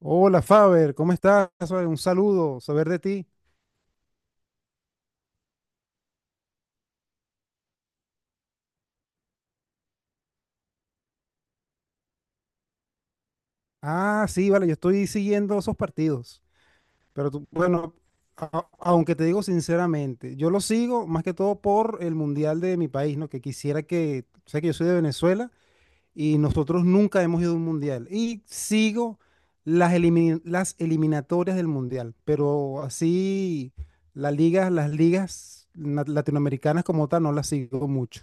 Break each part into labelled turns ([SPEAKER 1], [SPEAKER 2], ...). [SPEAKER 1] Hola Faber, ¿cómo estás? ¿Faber? Un saludo, saber de ti. Ah, sí, vale, yo estoy siguiendo esos partidos, bueno, aunque te digo sinceramente, yo lo sigo más que todo por el Mundial de mi país, ¿no? Que quisiera que, sé que yo soy de Venezuela y nosotros nunca hemos ido a un Mundial y sigo las eliminatorias del Mundial, pero así las ligas, latinoamericanas como tal no las sigo mucho.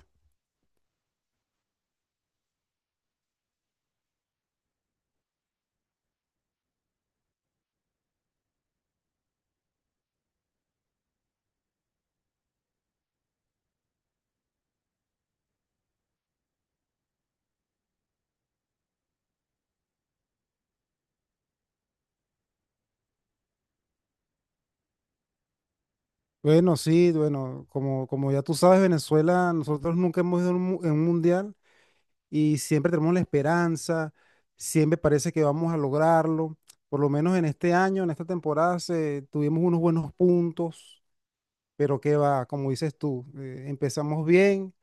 [SPEAKER 1] Bueno, sí, bueno, como ya tú sabes, Venezuela, nosotros nunca hemos ido en un mundial y siempre tenemos la esperanza, siempre parece que vamos a lograrlo. Por lo menos en este año, en esta temporada, tuvimos unos buenos puntos, pero qué va, como dices tú, empezamos bien,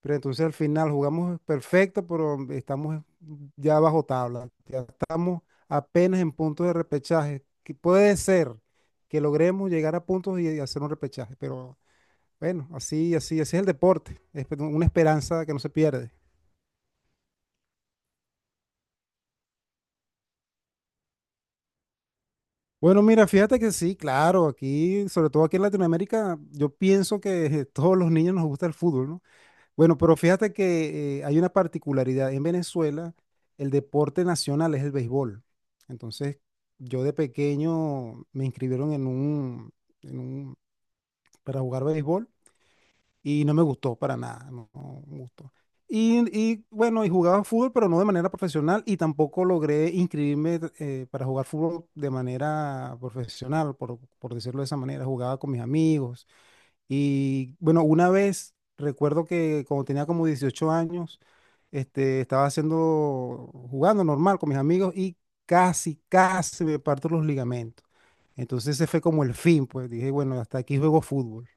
[SPEAKER 1] pero entonces al final jugamos perfecto, pero estamos ya bajo tabla, ya estamos apenas en puntos de repechaje, que puede ser que logremos llegar a puntos y hacer un repechaje, pero. Bueno, así, así, así es el deporte. Es una esperanza que no se pierde. Bueno, mira, fíjate que sí, claro, aquí, sobre todo aquí en Latinoamérica, yo pienso que todos los niños nos gusta el fútbol, ¿no? Bueno, pero fíjate que hay una particularidad. En Venezuela, el deporte nacional es el béisbol. Entonces, yo de pequeño me inscribieron en un, para jugar béisbol. Y no me gustó para nada, no, no me gustó. Bueno, y jugaba fútbol, pero no de manera profesional y tampoco logré inscribirme para jugar fútbol de manera profesional, por decirlo de esa manera. Jugaba con mis amigos y bueno, una vez recuerdo que cuando tenía como 18 años, estaba haciendo, jugando normal con mis amigos y casi, casi me parto los ligamentos. Entonces ese fue como el fin, pues dije, bueno, hasta aquí juego fútbol.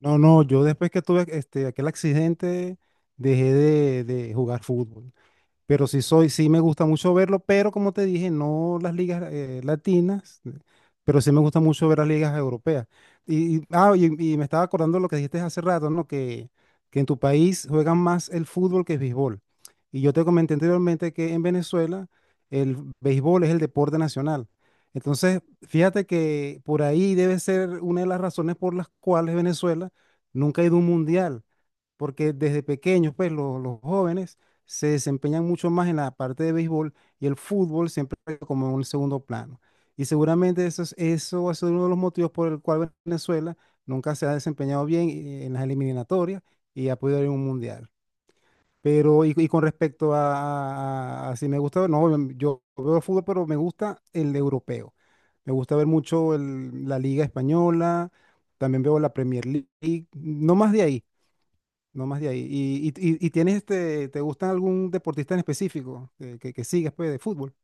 [SPEAKER 1] No, no, yo después que tuve aquel accidente, dejé de jugar fútbol. Pero sí soy, sí me gusta mucho verlo, pero como te dije, no las ligas latinas, pero sí me gusta mucho ver las ligas europeas. Y, y- ah, y, y me estaba acordando de lo que dijiste hace rato, ¿no? Que en tu país juegan más el fútbol que el béisbol. Y yo te comenté anteriormente que en Venezuela el béisbol es el deporte nacional. Entonces, fíjate que por ahí debe ser una de las razones por las cuales Venezuela nunca ha ido a un mundial porque desde pequeños, pues los jóvenes se desempeñan mucho más en la parte de béisbol y el fútbol siempre como en un segundo plano. Y seguramente eso es, eso ha sido uno de los motivos por el cual Venezuela nunca se ha desempeñado bien en las eliminatorias y ha podido ir a un mundial. Pero, y con respecto a si me gusta, no, yo veo fútbol, pero me gusta el europeo. Me gusta ver mucho la Liga Española, también veo la Premier League, no más de ahí. No más de ahí. ¿Y tienes te gusta algún deportista en específico que sigas pues, de fútbol?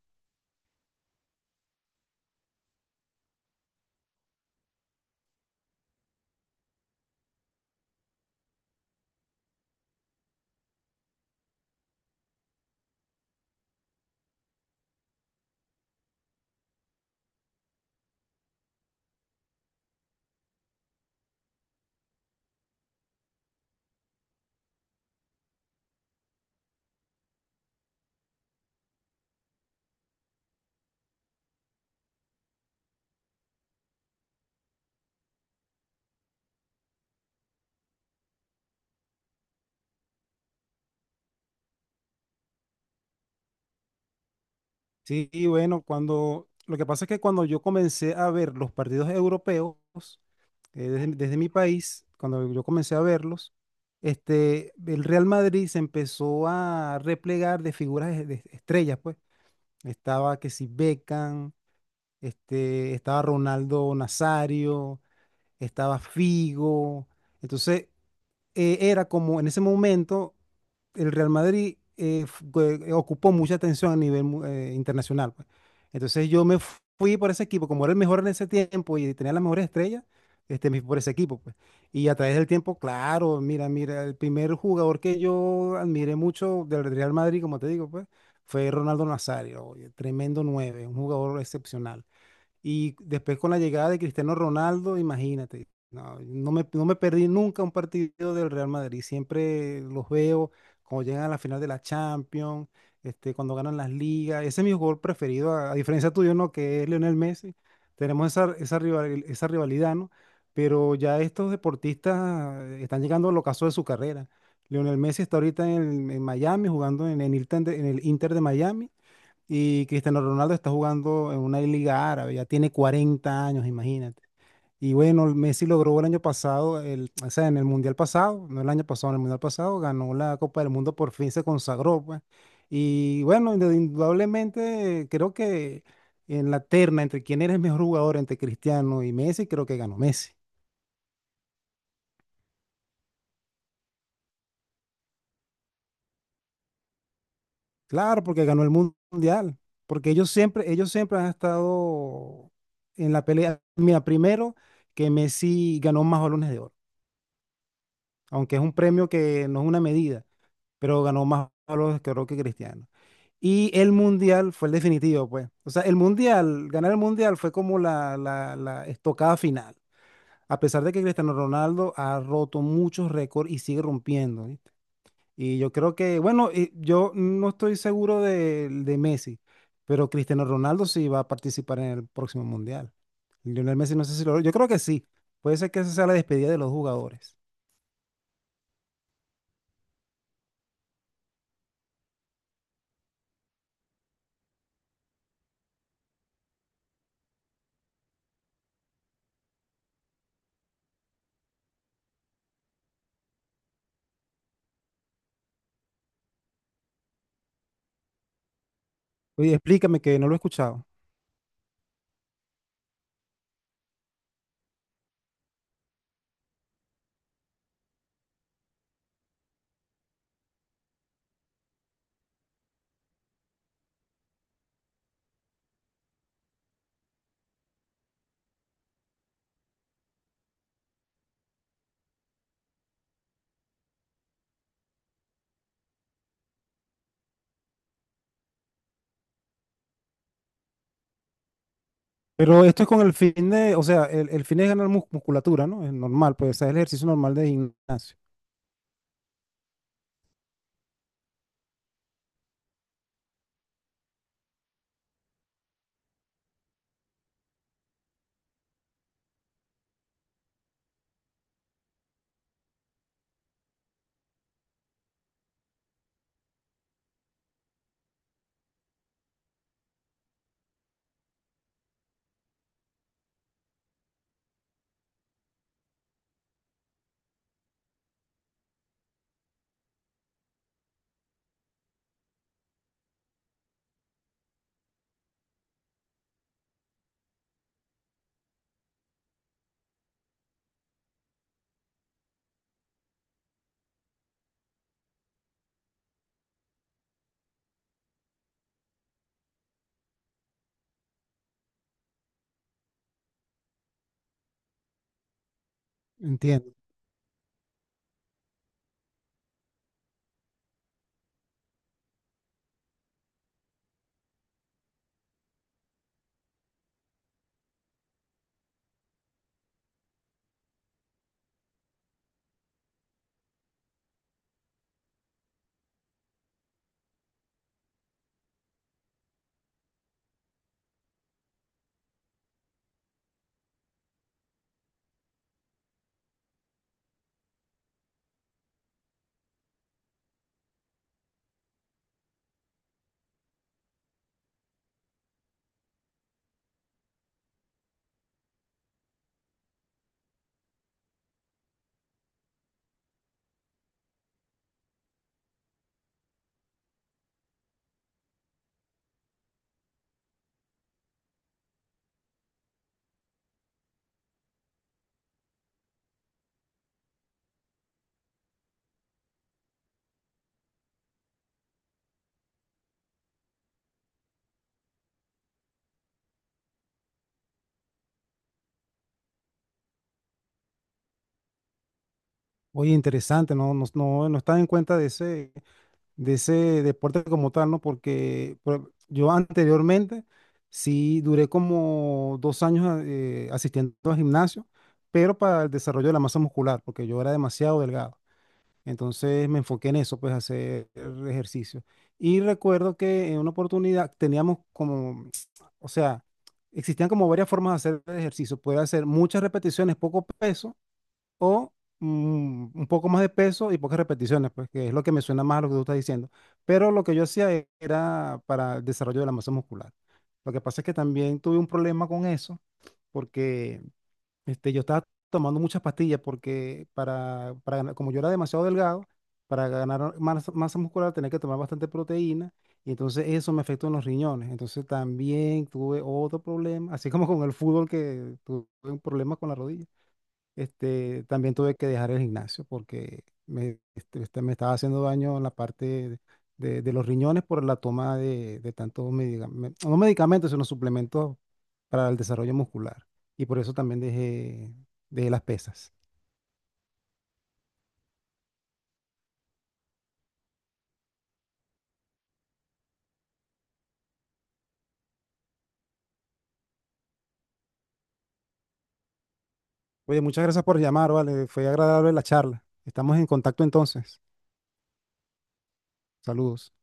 [SPEAKER 1] Sí, y bueno, cuando lo que pasa es que cuando yo comencé a ver los partidos europeos desde mi país, cuando yo comencé a verlos, el Real Madrid se empezó a replegar de figuras de estrellas, pues. Estaba que si Beckham, estaba Ronaldo Nazario, estaba Figo. Entonces, era como en ese momento el Real Madrid ocupó mucha atención a nivel internacional, pues. Entonces yo me fui por ese equipo, como era el mejor en ese tiempo y tenía las mejores estrellas, me fui por ese equipo, pues. Y a través del tiempo, claro, mira, el primer jugador que yo admiré mucho del Real Madrid, como te digo, pues, fue Ronaldo Nazario, oye, tremendo nueve, un jugador excepcional. Y después con la llegada de Cristiano Ronaldo, imagínate, no me perdí nunca un partido del Real Madrid. Siempre los veo cuando llegan a la final de la Champions, cuando ganan las ligas. Ese es mi jugador preferido, a diferencia tuyo, ¿no? Que es Lionel Messi. Tenemos esa, esa rivalidad, ¿no? Pero ya estos deportistas están llegando al ocaso de su carrera. Lionel Messi está ahorita en Miami jugando en el Inter de Miami. Y Cristiano Ronaldo está jugando en una liga árabe, ya tiene 40 años, imagínate. Y bueno, Messi logró el año pasado, o sea, en el Mundial pasado, no el año pasado, en el Mundial pasado, ganó la Copa del Mundo, por fin se consagró, pues. Y bueno, indudablemente creo que en la terna entre quién eres mejor jugador, entre Cristiano y Messi, creo que ganó Messi. Claro, porque ganó el Mundial, porque ellos siempre han estado en la pelea. Mira, primero que Messi ganó más balones de oro, aunque es un premio que no es una medida, pero ganó más palos que creo que Cristiano. Y el mundial fue el definitivo, pues. O sea, el mundial, ganar el mundial fue como la estocada final. A pesar de que Cristiano Ronaldo ha roto muchos récords y sigue rompiendo, ¿viste? Y yo creo que, bueno, yo no estoy seguro de Messi, pero Cristiano Ronaldo sí va a participar en el próximo mundial. Lionel Messi no sé si lo. Yo creo que sí. Puede ser que esa sea la despedida de los jugadores. Oye, explícame que no lo he escuchado. Pero esto es con el fin de, o sea, el fin es ganar musculatura, ¿no? Es normal, pues, o es el ejercicio normal de gimnasio. Entiendo. Oye, interesante, no, no, no, no estaba en cuenta de ese, de ese deporte como tal, ¿no? Porque yo anteriormente sí duré como 2 años asistiendo al gimnasio, pero para el desarrollo de la masa muscular, porque yo era demasiado delgado. Entonces me enfoqué en eso, pues hacer ejercicio. Y recuerdo que en una oportunidad teníamos como, o sea, existían como varias formas de hacer el ejercicio. Puede hacer muchas repeticiones, poco peso, o un poco más de peso y pocas repeticiones, pues que es lo que me suena más a lo que tú estás diciendo. Pero lo que yo hacía era para el desarrollo de la masa muscular. Lo que pasa es que también tuve un problema con eso, porque yo estaba tomando muchas pastillas porque como yo era demasiado delgado, para ganar masa muscular tenía que tomar bastante proteína y entonces eso me afectó en los riñones. Entonces también tuve otro problema, así como con el fútbol que tuve un problema con la rodilla. También tuve que dejar el gimnasio porque me estaba haciendo daño en la parte de los riñones por la toma de tantos medicamentos, no medicamentos, sino suplementos para el desarrollo muscular. Y por eso también dejé las pesas. Oye, muchas gracias por llamar, vale. Fue agradable la charla. Estamos en contacto entonces. Saludos.